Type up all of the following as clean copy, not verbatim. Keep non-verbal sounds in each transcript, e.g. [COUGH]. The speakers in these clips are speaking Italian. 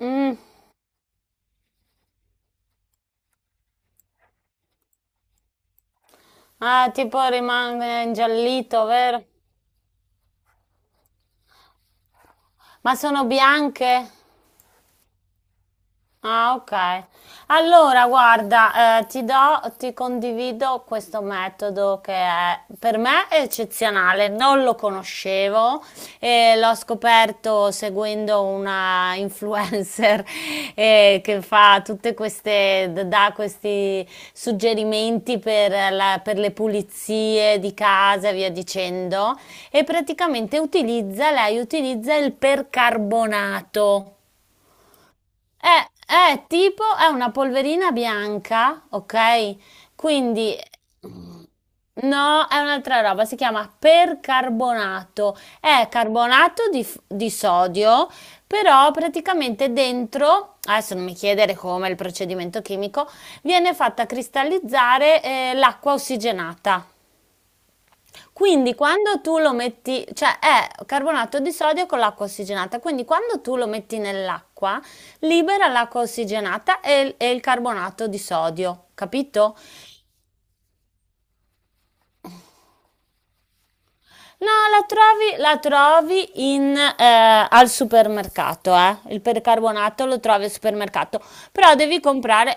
Mm, ah, tipo rimane ingiallito, vero? Ma sono bianche? Ah, ok. Allora, guarda, ti do, ti condivido questo metodo che è, per me è eccezionale, non lo conoscevo e l'ho scoperto seguendo una influencer. [LAUGHS] Che fa tutte queste, dà questi suggerimenti per, per le pulizie di casa e via dicendo. E praticamente utilizza, lei utilizza il percarbonato. È tipo, è una polverina bianca, ok? Quindi, no, è un'altra roba, si chiama percarbonato. È carbonato di, di sodio, però praticamente dentro, adesso non mi chiedere come è il procedimento chimico, viene fatta cristallizzare, l'acqua ossigenata. Quindi quando tu lo metti, cioè è carbonato di sodio con l'acqua ossigenata, quindi quando tu lo metti nell'acqua, libera l'acqua ossigenata e, il carbonato di sodio, capito? No, la trovi in, al supermercato, eh. Il percarbonato lo trovi al supermercato, però devi comprare.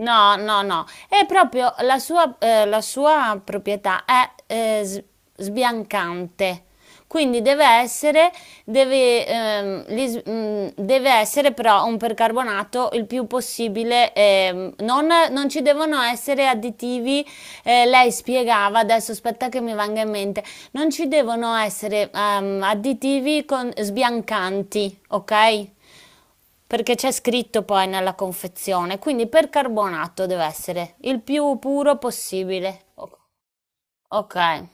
No, no, no, è proprio la sua proprietà è sbiancante, quindi deve essere, deve, deve essere però un percarbonato il più possibile, non, non ci devono essere additivi, lei spiegava, adesso aspetta che mi venga in mente, non ci devono essere additivi con, sbiancanti, ok? Perché c'è scritto poi nella confezione, quindi percarbonato deve essere il più puro possibile. Ok.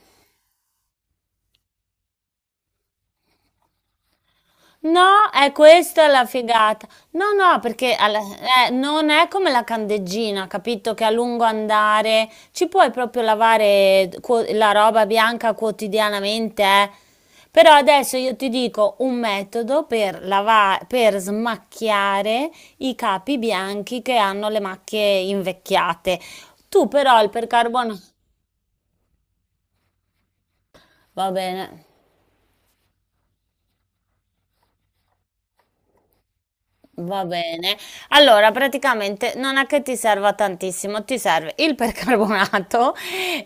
No, è questa la figata. No, no, perché non è come la candeggina, capito? Che a lungo andare ci puoi proprio lavare la roba bianca quotidianamente, eh. Però adesso io ti dico un metodo per per smacchiare i capi bianchi che hanno le macchie invecchiate. Tu però il percarbonato... Va bene. Va bene. Allora, praticamente non è che ti serva tantissimo, ti serve il percarbonato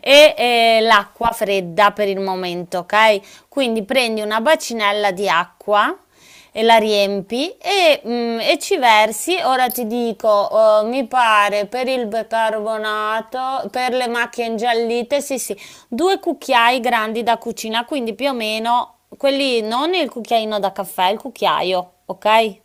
e l'acqua fredda per il momento, ok? Quindi prendi una bacinella di acqua e la riempi e, e ci versi. Ora ti dico, mi pare per il percarbonato, per le macchie ingiallite, sì, sì, due cucchiai grandi da cucina, quindi più o meno quelli, non il cucchiaino da caffè, il cucchiaio, ok?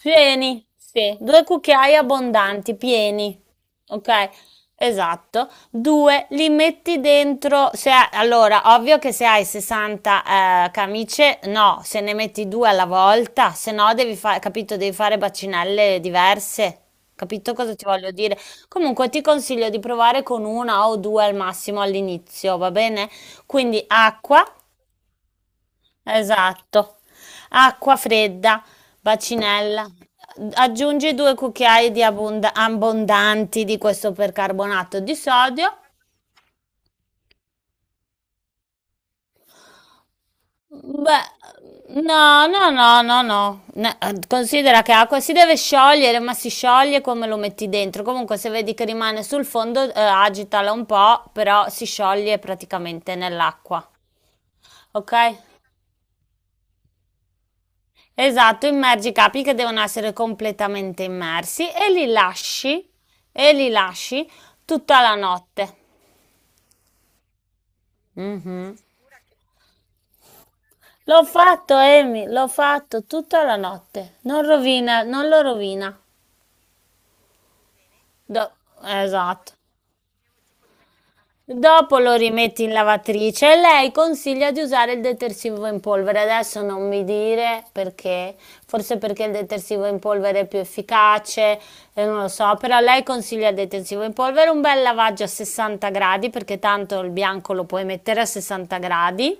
Pieni, sì, due cucchiai abbondanti, pieni, ok? Esatto. Due, li metti dentro, se ha- allora, ovvio che se hai 60 camicie, no, se ne metti due alla volta, se no devi fare, capito, devi fare bacinelle diverse, capito cosa ti voglio dire? Comunque ti consiglio di provare con una o due al massimo all'inizio, va bene? Quindi acqua. Esatto. Acqua fredda, bacinella. Aggiungi due cucchiai di abbondanti di questo percarbonato di sodio. Beh, no, no, no, no, no. Considera che acqua si deve sciogliere, ma si scioglie come lo metti dentro. Comunque, se vedi che rimane sul fondo, agitala un po', però si scioglie praticamente nell'acqua. Ok? Esatto, immergi i capi che devono essere completamente immersi e li lasci tutta la notte. Mhm. L'ho fatto, Amy, l'ho fatto tutta la notte. Non rovina, non lo rovina. Do- esatto. Dopo lo rimetti in lavatrice e lei consiglia di usare il detersivo in polvere. Adesso non mi dire perché, forse perché il detersivo in polvere è più efficace, non lo so, però lei consiglia il detersivo in polvere, un bel lavaggio a 60 gradi perché tanto il bianco lo puoi mettere a 60 gradi.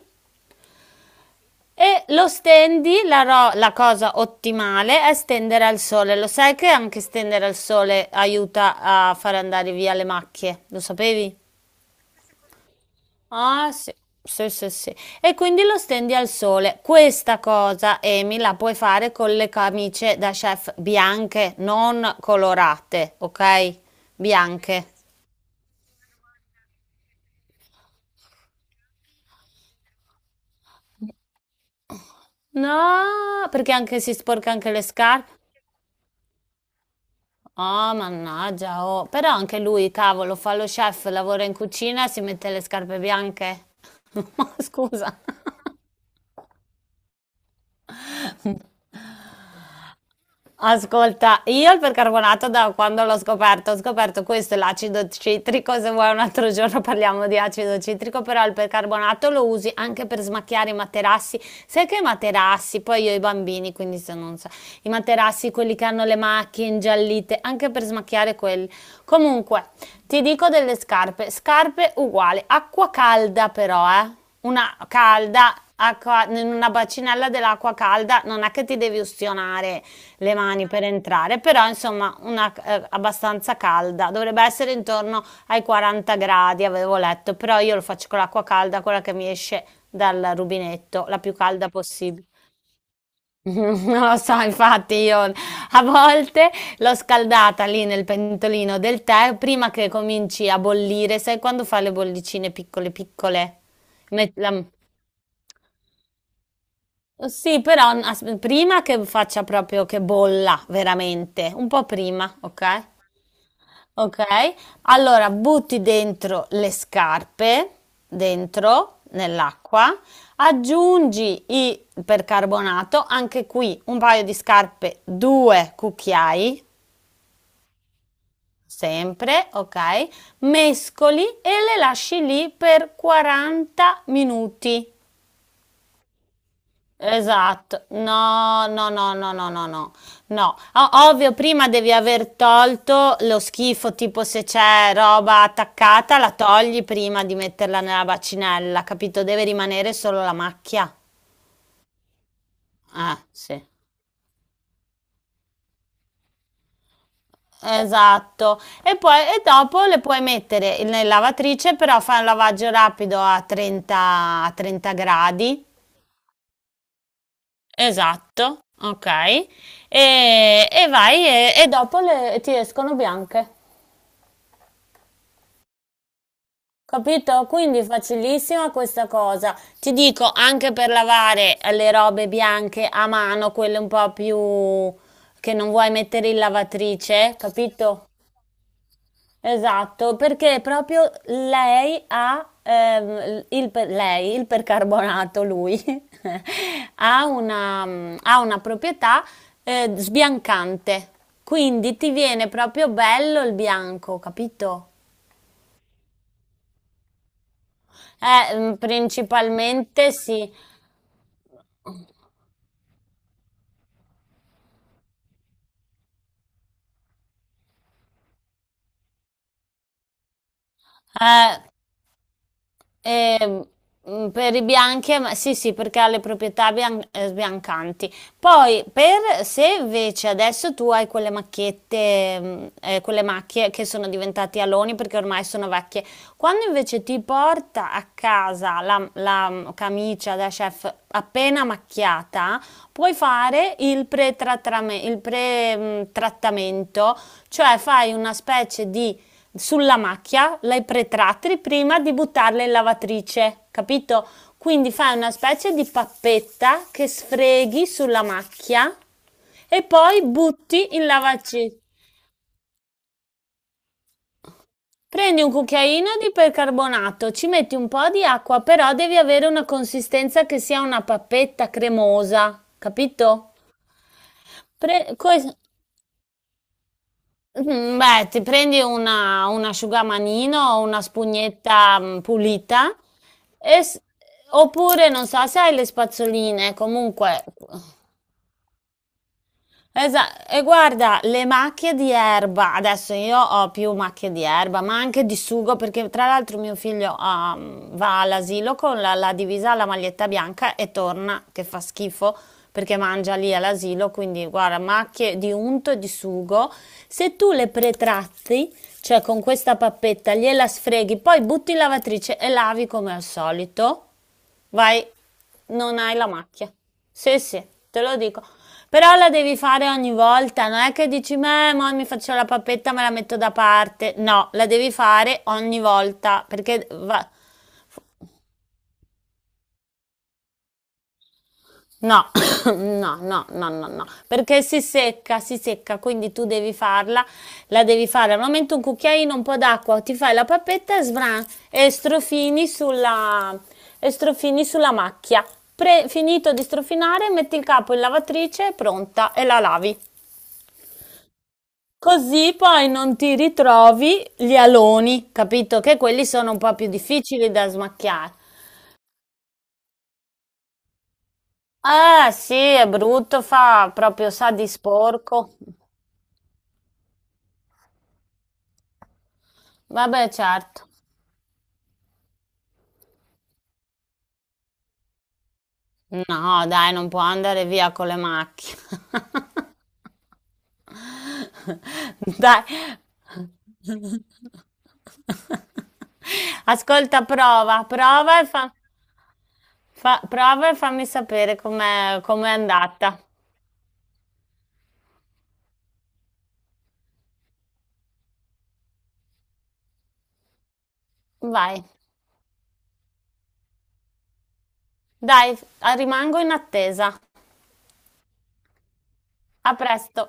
E lo stendi, la cosa ottimale è stendere al sole. Lo sai che anche stendere al sole aiuta a far andare via le macchie? Lo sapevi? Ah, sì, sì, sì, sì. E quindi lo stendi al sole. Questa cosa, Amy, la puoi fare con le camicie da chef bianche, non colorate, ok? Bianche. No, perché anche si sporca anche le scarpe. Oh, mannaggia, oh. Però anche lui, cavolo, fa lo chef, lavora in cucina e si mette le scarpe bianche. [LAUGHS] Ma scusa. [LAUGHS] Ascolta, io il percarbonato da quando l'ho scoperto, ho scoperto questo e l'acido citrico, se vuoi un altro giorno parliamo di acido citrico, però il percarbonato lo usi anche per smacchiare i materassi. Sai che i materassi, poi io ho i bambini, quindi se non so, i materassi, quelli che hanno le macchie ingiallite, anche per smacchiare quelli. Comunque, ti dico delle scarpe, scarpe uguali, acqua calda però, eh? Una calda, acqua, in una bacinella dell'acqua calda, non è che ti devi ustionare, le mani per entrare, però insomma una abbastanza calda, dovrebbe essere intorno ai 40 gradi, avevo letto, però io lo faccio con l'acqua calda, quella che mi esce dal rubinetto, la più calda possibile. [LAUGHS] Non lo so, infatti io a volte l'ho scaldata lì nel pentolino del tè prima che cominci a bollire, sai quando fa le bollicine piccole piccole? Met- la- Sì, però prima che faccia proprio che bolla veramente, un po' prima, ok? Okay, allora butti dentro le scarpe, dentro nell'acqua, aggiungi il percarbonato, anche qui un paio di scarpe, 2 cucchiai, sempre, okay, mescoli e le lasci lì per 40 minuti. Esatto, no, no, no, no, no, no, no, no, ovvio prima devi aver tolto lo schifo, tipo se c'è roba attaccata la togli prima di metterla nella bacinella, capito? Deve rimanere solo la macchia. Sì. Esatto, e poi e dopo le puoi mettere nella lavatrice, però fai un lavaggio rapido a 30, a 30 gradi. Esatto, ok. E vai e, ti escono bianche. Capito? Quindi è facilissima questa cosa. Ti dico, anche per lavare le robe bianche a mano, quelle un po' più che non vuoi mettere in lavatrice, capito? Esatto, perché proprio lei ha lei, il percarbonato, lui [LAUGHS] ha una, ha una proprietà sbiancante. Quindi ti viene proprio bello il bianco, capito? Mm, principalmente sì. Eh, ehm, per i bianchi, sì, sì, perché ha le proprietà sbiancanti. Poi, per se invece adesso tu hai quelle macchiette, quelle macchie che sono diventate aloni perché ormai sono vecchie, quando invece ti porta a casa camicia da chef appena macchiata, puoi fare il pre-trattamento, cioè fai una specie di sulla macchia, le pretrattili prima di buttarle in lavatrice, capito? Quindi fai una specie di pappetta che sfreghi sulla macchia e poi butti in lavatrice. Prendi un cucchiaino di percarbonato, ci metti un po' di acqua, però devi avere una consistenza che sia una pappetta cremosa, capito? Pre- que- Mhm, beh, ti prendi una, un asciugamanino o una spugnetta pulita, e s- oppure non so se hai le spazzoline, comunque esa, e guarda, le macchie di erba, adesso io ho più macchie di erba, ma anche di sugo, perché tra l'altro mio figlio ha, va all'asilo con la divisa, la maglietta bianca e torna che fa schifo perché mangia lì all'asilo, quindi guarda, macchie di unto e di sugo. Se tu le pretratti, cioè con questa pappetta, gliela sfreghi, poi butti in lavatrice e lavi come al solito. Vai, non hai la macchia. Sì, sì, te lo dico. Però la devi fare ogni volta, non è che dici, "Meh, mo mi faccio la pappetta, me la metto da parte". No, la devi fare ogni volta, perché no, [COUGHS] no, no, no, no, no, perché si secca, quindi tu devi farla, la devi fare al momento un cucchiaino, un po' d'acqua, ti fai la pappetta e svran, e strofini sulla, e strofini sulla macchia. Finito di strofinare, metti il capo in lavatrice, è pronta, e la lavi. Così poi non ti ritrovi gli aloni, capito? Che quelli sono un po' più difficili da smacchiare. Eh sì, è brutto, fa proprio sa di sporco. Vabbè, certo. No, dai, non può andare via con le macchine. [LAUGHS] Dai. Ascolta, prova, prova e fa, prova e fammi sapere com'è com'è andata. Vai. Dai, rimango in attesa. A presto.